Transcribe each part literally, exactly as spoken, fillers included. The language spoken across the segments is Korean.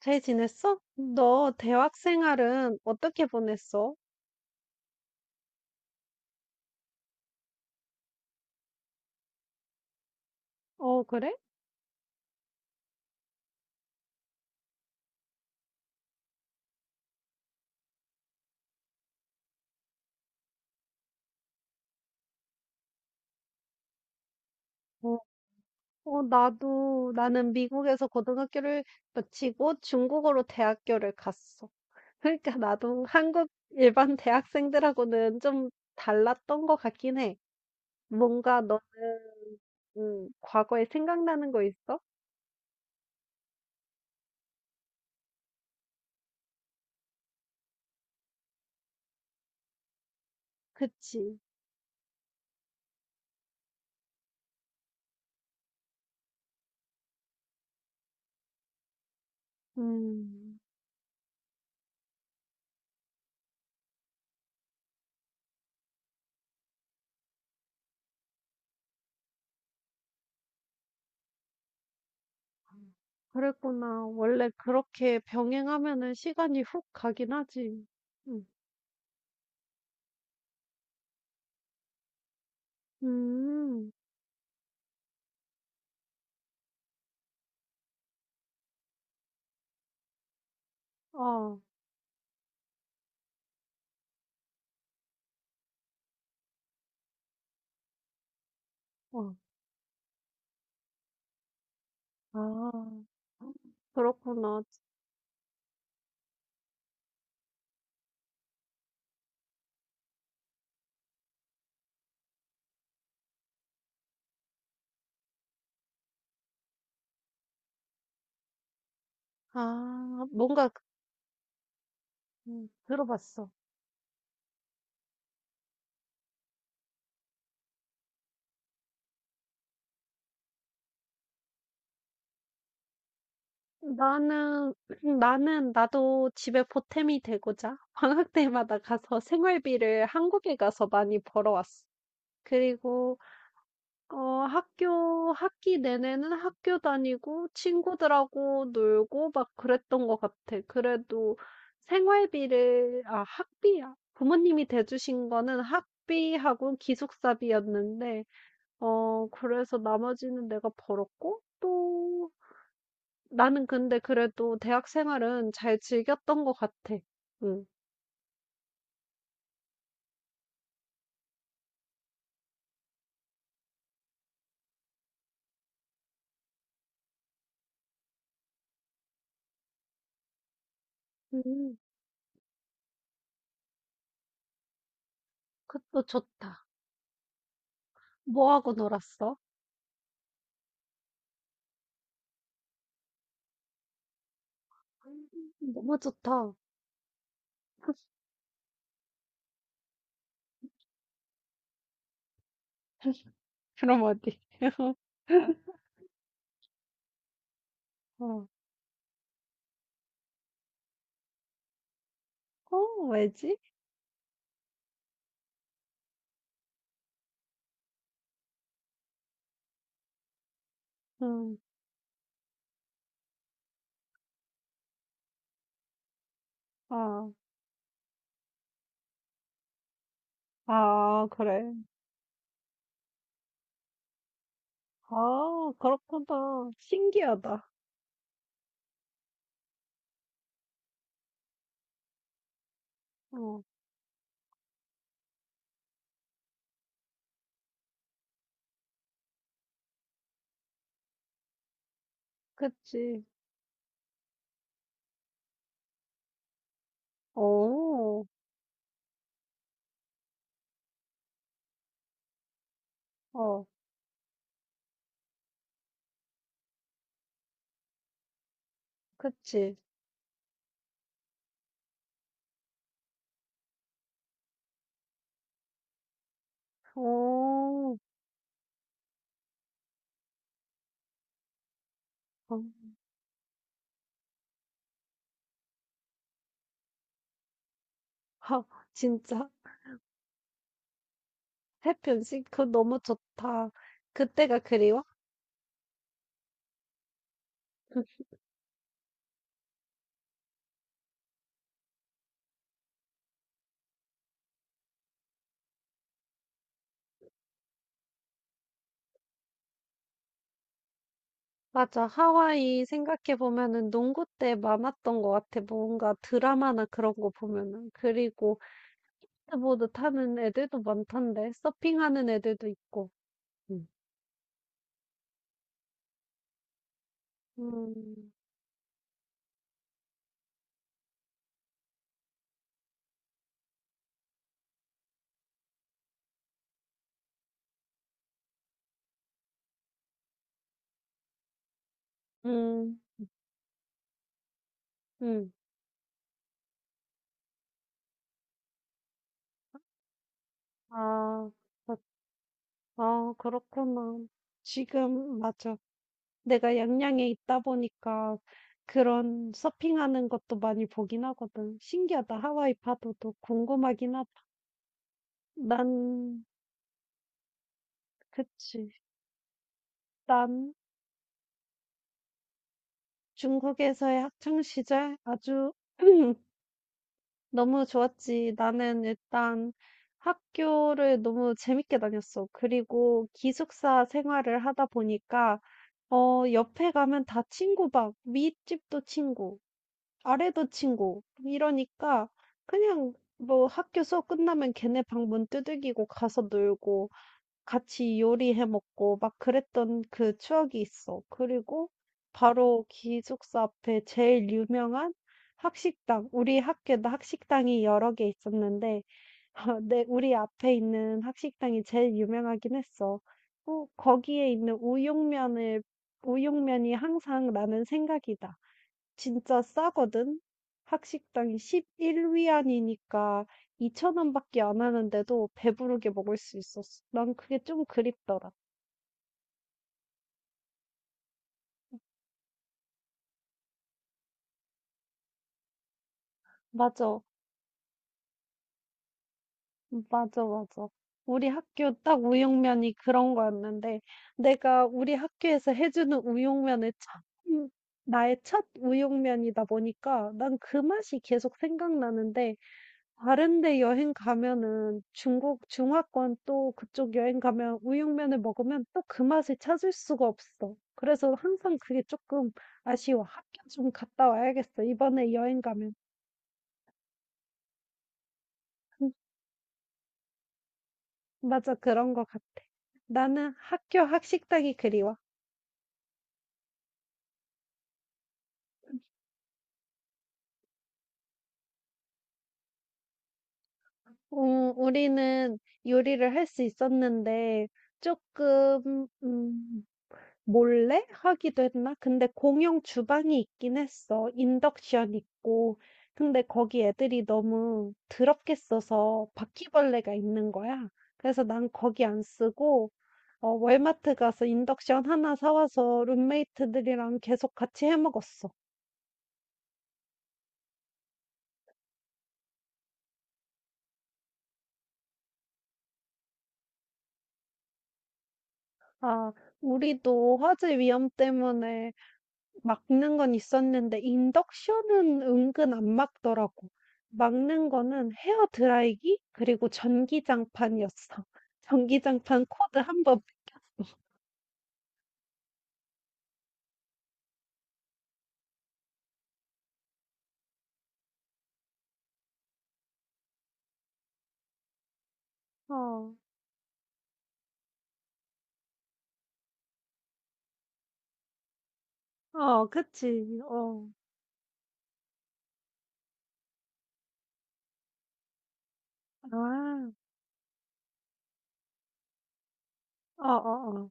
잘 지냈어? 너 대학 생활은 어떻게 보냈어? 어, 그래? 어, 어, 나도, 나는 미국에서 고등학교를 마치고 중국으로 대학교를 갔어. 그러니까 나도 한국 일반 대학생들하고는 좀 달랐던 것 같긴 해. 뭔가 너는, 음, 과거에 생각나는 거 있어? 그치? 음, 그랬구나. 원래 그렇게 병행하면은 시간이 훅 가긴 하지. 음. 음. 어. 어. 아. 그렇구나. 아, 뭔가 그 음 들어봤어. 나는 나는 나도 집에 보탬이 되고자 방학 때마다 가서 생활비를 한국에 가서 많이 벌어왔어. 그리고 어 학교 학기 내내는 학교 다니고 친구들하고 놀고 막 그랬던 것 같아. 그래도 생활비를, 아, 학비야. 부모님이 대주신 거는 학비하고 기숙사비였는데 어 그래서 나머지는 내가 벌었고 또 나는 근데 그래도 대학 생활은 잘 즐겼던 것 같아. 응. 음, 그것도 좋다. 뭐 하고 놀았어? 음, 너무 좋다. 그럼 어디? 어. 어, 왜지? 응. 아, 아, 그래. 아, 그렇구나. 신기하다. 어, 그치. 어, 어, 그치. 어, 어, 하, 진짜. 해변씨, 그거 너무 좋다. 그때가 그리워? 맞아. 하와이 생각해보면은 농구 때 많았던 것 같아. 뭔가 드라마나 그런 거 보면은. 그리고 스케보드 타는 애들도 많던데. 서핑하는 애들도 있고. 음. 음. 음. 음. 아. 그. 아, 그렇구나. 지금 맞아. 내가 양양에 있다 보니까 그런 서핑하는 것도 많이 보긴 하거든. 신기하다. 하와이 파도도 궁금하긴 하다. 난. 그치. 난 중국에서의 학창 시절 아주 너무 좋았지. 나는 일단 학교를 너무 재밌게 다녔어. 그리고 기숙사 생활을 하다 보니까 어 옆에 가면 다 친구 막 윗집도 친구, 아래도 친구 이러니까 그냥 뭐 학교 수업 끝나면 걔네 방문 두들기고 가서 놀고 같이 요리해 먹고 막 그랬던 그 추억이 있어. 그리고 바로 기숙사 앞에 제일 유명한 학식당, 우리 학교에도 학식당이 여러 개 있었는데 아, 네. 우리 앞에 있는 학식당이 제일 유명하긴 했어. 어 거기에 있는 우육면을 우육면이 항상 나는 생각이다. 진짜 싸거든. 학식당이 십일 위안 위안이니까 이천 원 원밖에 안 하는데도 배부르게 먹을 수 있었어. 난 그게 좀 그립더라. 맞아. 맞아, 맞아. 우리 학교 딱 우육면이 그런 거였는데, 내가 우리 학교에서 해주는 우육면의 첫, 음, 나의 첫 우육면이다 보니까 난 그 맛이 계속 생각나는데, 다른 데 여행 가면은 중국, 중화권 또 그쪽 여행 가면 우육면을 먹으면 또 그 맛을 찾을 수가 없어. 그래서 항상 그게 조금 아쉬워. 학교 좀 갔다 와야겠어. 이번에 여행 가면. 음, 맞아, 그런 거 같아. 나는 학교 학식당이 그리워. 어 우리는 요리를 할 수 있었는데 조금 음 몰래 하기도 했나? 근데 공용 주방이 있긴 했어. 인덕션 있고. 근데 거기 애들이 너무 더럽게 써서 바퀴벌레가 있는 거야. 그래서 난 거기 안 쓰고 어 월마트 가서 인덕션 하나 사 와서 룸메이트들이랑 계속 같이 해 먹었어. 아, 우리도 화재 위험 때문에 막는 건 있었는데 인덕션은 은근 안 막더라고. 막는 거는 헤어 드라이기 그리고 전기장판이었어. 전기장판 코드 한 번 뺏겼어. 어, 어, 그치. 어, 아, 어, 어,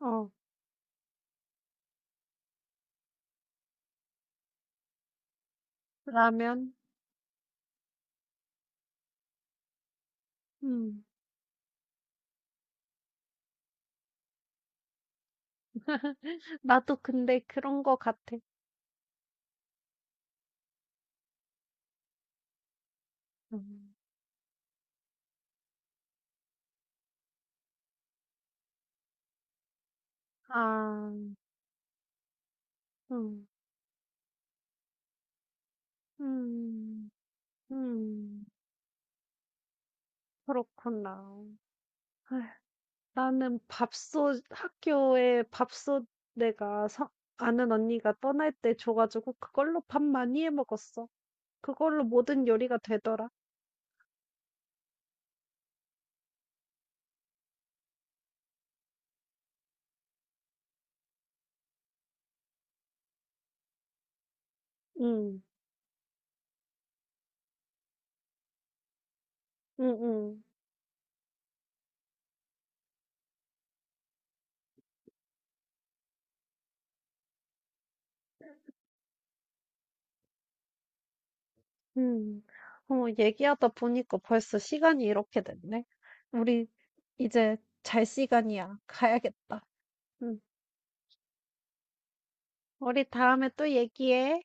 어, 어. 라면. 음. 나도 근데 그런 거 같아. 음. 아, 음, 음, 음, 그렇구나. 나는 밥솥, 학교에 밥솥, 내가 서, 아는 언니가 떠날 때 줘가지고 그걸로 밥 많이 해 먹었어. 그걸로 모든 요리가 되더라. 응, 응, 응, 응. 어, 얘기하다 보니까 벌써 시간이 이렇게 됐네. 우리 이제 잘 시간이야. 가야겠다. 응. 우리 다음에 또 얘기해.